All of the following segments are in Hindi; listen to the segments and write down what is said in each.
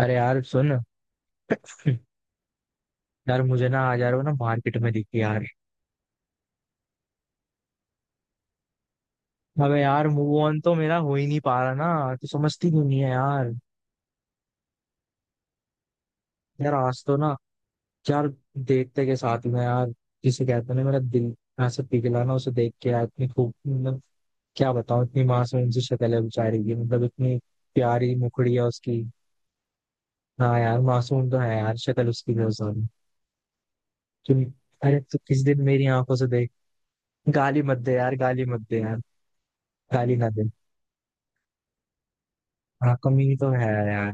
अरे यार सुन। यार मुझे ना आज यार वो ना मार्केट में दिखी यार। अबे यार मूव ऑन तो मेरा हो ही नहीं पा रहा ना, तो समझती क्यों नहीं है यार। यार आज तो ना, यार देखते के साथ में यार, जिसे कहते हैं ना मेरा दिल ऐसे पिघला ना उसे देख के यार, इतनी खूब, मतलब क्या बताऊं, इतनी मासूम सी शक्ल है बेचारी की, मतलब इतनी प्यारी मुखड़ी है उसकी। हाँ यार मासूम तो है यार, शक्ल उसकी बहुत सारी। तुम। अरे तू किस दिन मेरी आंखों से देख। गाली मत दे यार, गाली मत दे यार, गाली ना दे। हाँ कमी तो है यार,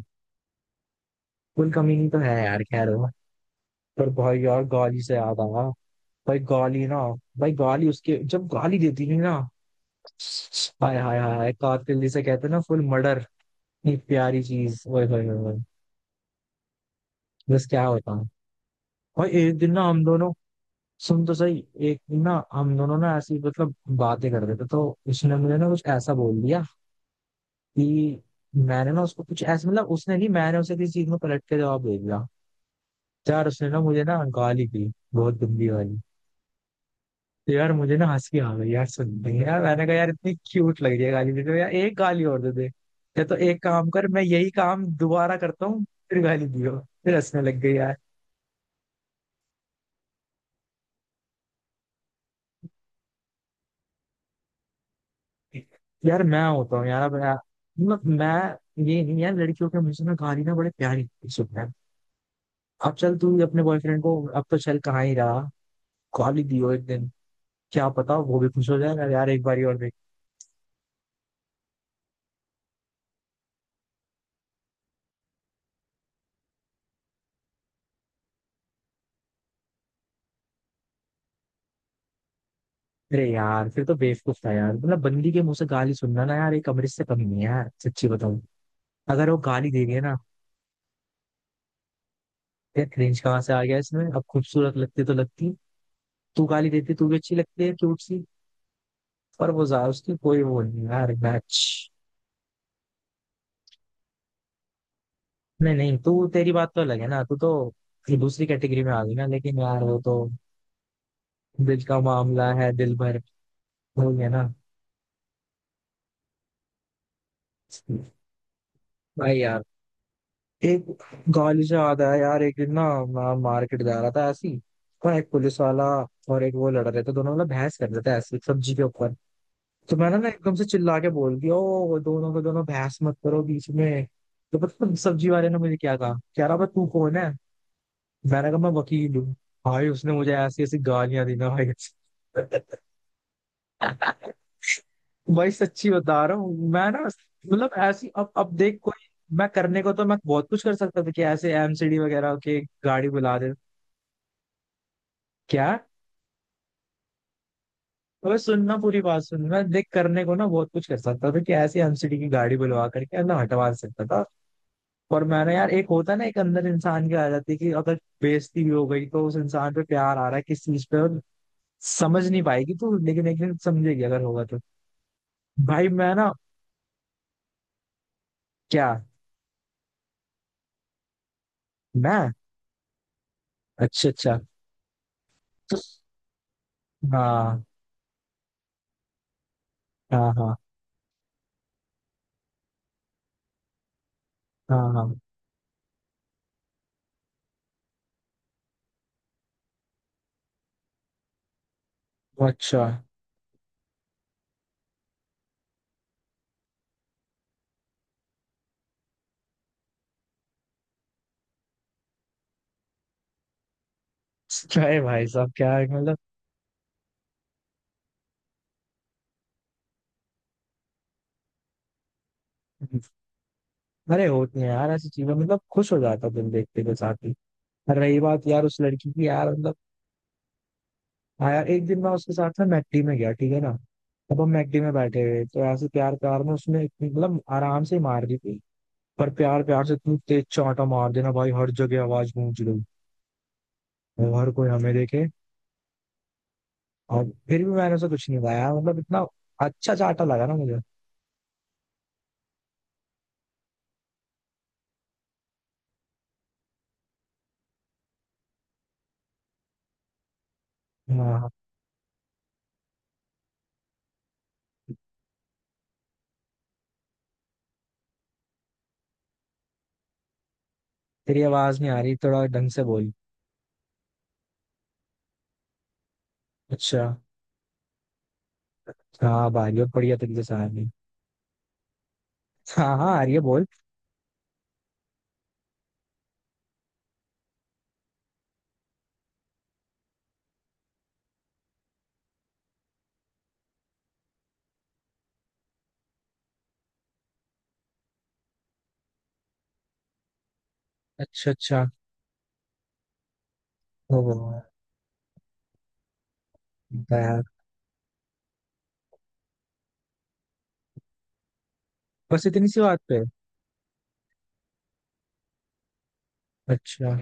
उन कमी तो है यार, खैर वो। पर भाई यार गाली से याद आया। भाई गाली ना, भाई गाली उसके जब गाली देती थी ना, हाय हाय हाय हाय, कातिल जिसे कहते हैं ना, फुल मर्डर। इतनी प्यारी चीज, ओए होए होए होए। बस क्या होता। भाई एक दिन ना हम दोनों, सुन तो सही, एक दिन ना हम दोनों ना ऐसी मतलब बातें कर रहे थे तो उसने मुझे ना कुछ ऐसा बोल दिया कि, मैंने ना उसको कुछ ऐसा, मतलब उसने नहीं, मैंने उसे किसी चीज में पलट के जवाब दे दिया। यार उसने ना मुझे ना गाली दी, बहुत गंदी वाली। तो यार मुझे ना हंसी आ गई यार सुन के। यार मैंने कहा यार इतनी क्यूट लग रही है गाली देते हुए, यार एक गाली और दे दे, या तो एक काम कर, मैं यही काम दोबारा करता हूँ, फिर गाली दियो। फिर हंसने लग गई यार। यार मैं होता हूँ यार, अब यार मतलब मैं ये नहीं यार, लड़कियों के मुझसे ना गाली ना बड़े प्यारी सुनते हैं। अब चल तू अपने बॉयफ्रेंड को, अब तो चल कहाँ ही रहा, गाली दियो एक दिन, क्या पता वो भी खुश हो जाए यार, एक बारी और। अरे यार फिर तो बेवकूफ था यार, मतलब बंदी के मुंह से गाली सुनना ना यार एक अमृत से कम नहीं है यार, सच्ची बताऊं। अगर वो गाली दे रही है ना, यार क्रिंज कहाँ से आ गया इसमें, अब खूबसूरत लगती तो लगती। तू गाली देती तू भी अच्छी लगती है क्यूट सी। पर वो जा, उसकी कोई वो नहीं यार, मैच। नहीं नहीं, तू तेरी बात तो अलग है ना, तू तो फिर दूसरी कैटेगरी में आ गई ना, लेकिन यार वो तो दिल का मामला है, दिल भर हो गया ना। भाई यार एक गाली से याद आया यार, एक दिन ना मैं मार्केट जा रहा था ऐसी, और एक पुलिस वाला और एक वो लड़ रहे थे दोनों, मतलब बहस कर रहे थे ऐसी सब्जी के ऊपर। तो मैंने ना एकदम से चिल्ला के बोल दिया, ओ दोनों को, दोनों बहस मत करो बीच में। तो पता है सब्जी वाले ने मुझे क्या कहा, कह रहा भाई तू कौन है। मैंने कहा मैं वकील हूँ। भाई उसने मुझे ऐसी ऐसी गालियां दी ना भाई। भाई सच्ची बता रहा हूँ मैं ना, मतलब ऐसी, अब देख कोई, मैं करने को तो मैं बहुत कुछ कर सकता था कि ऐसे एमसीडी वगैरह के, गाड़ी बुला दे। क्या। अबे सुनना, पूरी बात सुन, मैं देख करने को ना बहुत कुछ कर सकता था कि ऐसे एमसीडी की गाड़ी बुलवा करके अंदर हटवा सकता था। और मैंने यार, एक होता है ना, एक अंदर इंसान की आ जाती है कि अगर बेइज्जती भी हो गई तो उस इंसान पे प्यार आ रहा है किस चीज पे, और समझ नहीं पाएगी तो, लेकिन एक दिन समझेगी अगर होगा तो। भाई मैं ना, क्या, मैं, अच्छा अच्छा, तो हाँ हाँ हाँ हाँ हाँ, अच्छा। क्या है भाई साहब, क्या है मतलब। अरे होती है यार ऐसी चीजें, मतलब खुश हो जाता है दिन देखते के साथ ही। और रही बात यार उस लड़की की यार, मतलब, हाँ यार, एक दिन मैं उसके साथ ना मैकडी में गया, ठीक है ना। अब हम मैकडी में बैठे हुए तो ऐसे प्यार प्यार में उसने इतनी- मतलब आराम से ही मार दी थी। पर प्यार प्यार से इतनी तेज चांटा मार देना भाई, हर जगह आवाज गूंज गई। और हर कोई हमें देखे। और फिर भी मैंने उसे कुछ नहीं पाया, मतलब इतना अच्छा चांटा लगा ना मुझे। हाँ। तेरी आवाज नहीं आ रही, थोड़ा ढंग से बोल। अच्छा। हाँ भाई बहुत बढ़िया तरीके से आ गई। हाँ हाँ, आ रही है बोल। अच्छा अच्छा। ओ, बता यार। बस इतनी सी बात पे। अच्छा।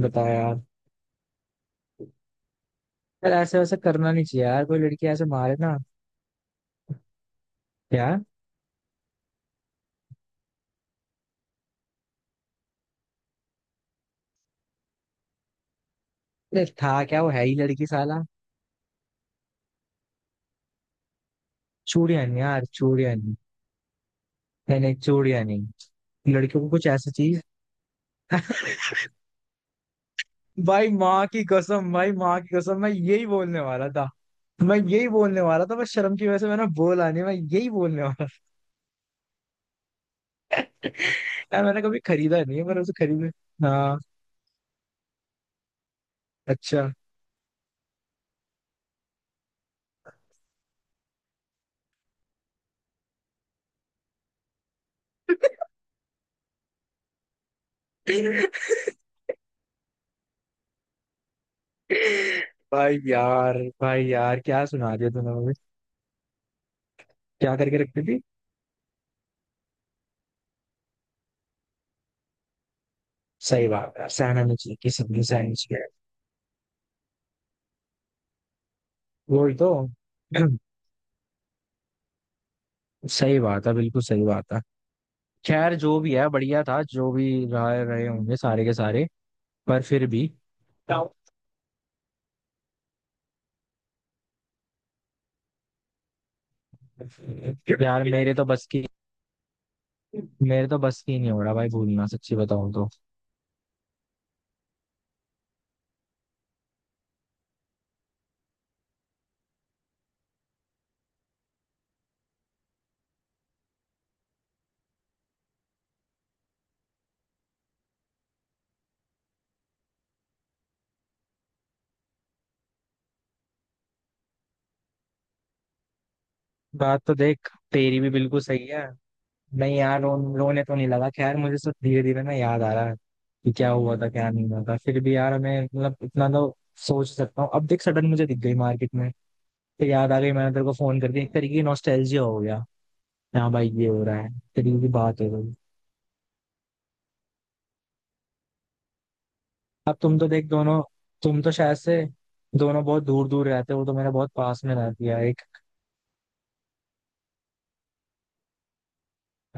बता यार। यार ऐसे वैसे करना नहीं चाहिए यार, कोई लड़की ऐसे मारे ना। यार, अरे था क्या, वो है ही लड़की साला। चूड़िया नहीं यार, चूड़िया नहीं। नहीं नहीं चूड़िया नहीं, लड़कियों को कुछ ऐसी चीज। भाई माँ की कसम, भाई माँ की कसम, मैं यही बोलने वाला था। मैं यही बोलने वाला था, बस शर्म की वजह से मैंने बोला नहीं, मैं यही बोलने वाला था। यार मैंने कभी खरीदा नहीं है, पर उसे खरीदे। हाँ। अच्छा। भाई यार, भाई यार, क्या सुना दिया तूने मुझे। क्या करके रखती थी। सही बात है, सहना नहीं चाहिए किसी भी, सहना चाहिए। वही तो। सही बात है, बिल्कुल सही बात है। खैर जो भी है बढ़िया था, जो भी रहा रहे होंगे सारे के सारे। पर फिर भी, यार मेरे तो बस की, मेरे तो बस की नहीं हो रहा भाई भूलना, सच्ची बताऊं तो। बात तो देख तेरी भी बिल्कुल सही है। नहीं यार, रोने तो नहीं लगा, खैर मुझे सब धीरे धीरे ना याद आ रहा है कि क्या हुआ था क्या नहीं हुआ था, फिर भी यार मैं मतलब इतना तो सोच सकता हूँ। अब देख सडन मुझे दिख गई मार्केट में, फिर याद आ गई, मैंने तेरे को फोन कर दिया, एक तरीके की नॉस्टैल्जिया हो गया। हाँ भाई, ये हो रहा है, एक तरीके की बात हो गई। अब तुम तो देख दोनों, तुम तो शायद से दोनों बहुत दूर दूर रहते हो तो मेरा बहुत पास में रहती है एक।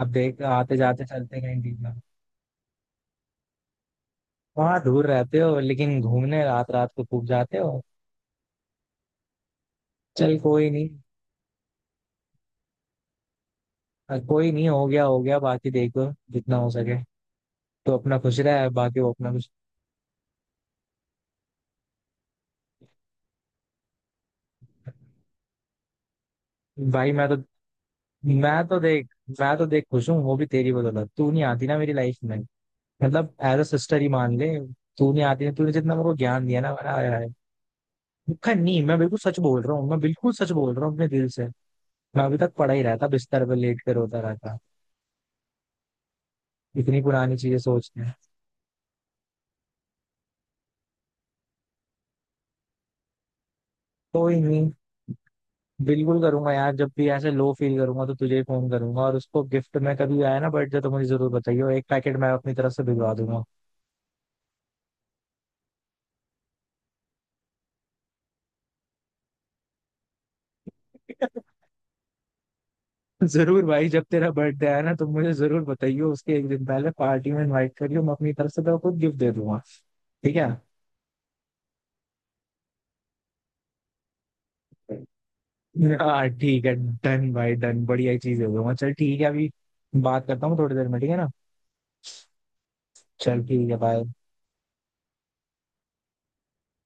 अब देख आते जाते चलते कहीं बीच में, वहां दूर रहते हो लेकिन घूमने रात रात को खूब जाते हो। चल कोई नहीं। कोई नहीं, हो गया हो गया, बाकी देखो जितना हो सके तो अपना खुश रहा है, बाकी वो अपना खुश। भाई मैं तो देख मैं तो देख खुश हूँ, वो भी तेरी बदौलत, तू नहीं आती ना मेरी लाइफ में, मतलब एज अ सिस्टर ही मान ले। तू नहीं आती ना, तूने जितना मेरे को ज्ञान दिया ना, मैंने आया है। मुखर नहीं, मैं बिल्कुल सच बोल रहा हूँ, मैं बिल्कुल सच बोल रहा हूँ अपने दिल से। मैं अभी तक पढ़ा ही रहता, बिस्तर पर लेट कर रोता रहता। इतनी पुरानी चीजें सोचते हैं। कोई नहीं, बिल्कुल करूंगा यार, जब भी ऐसे लो फील करूंगा तो तुझे फोन करूंगा, और उसको गिफ्ट में कभी आया ना बर्थडे तो मुझे जरूर बताइयो, एक पैकेट मैं अपनी तरफ से भिजवा दूंगा। जरूर भाई, जब तेरा बर्थडे आया ना तो मुझे जरूर बताइयो, उसके एक दिन पहले पार्टी में इनवाइट करियो, मैं अपनी तरफ से तो खुद गिफ्ट दे दूंगा। ठीक है। हाँ ठीक है। डन भाई डन, बढ़िया ही चीज दे दूंगा, चल ठीक है, अभी बात करता हूँ थोड़ी देर में, ठीक है ना। चल ठीक है बाय।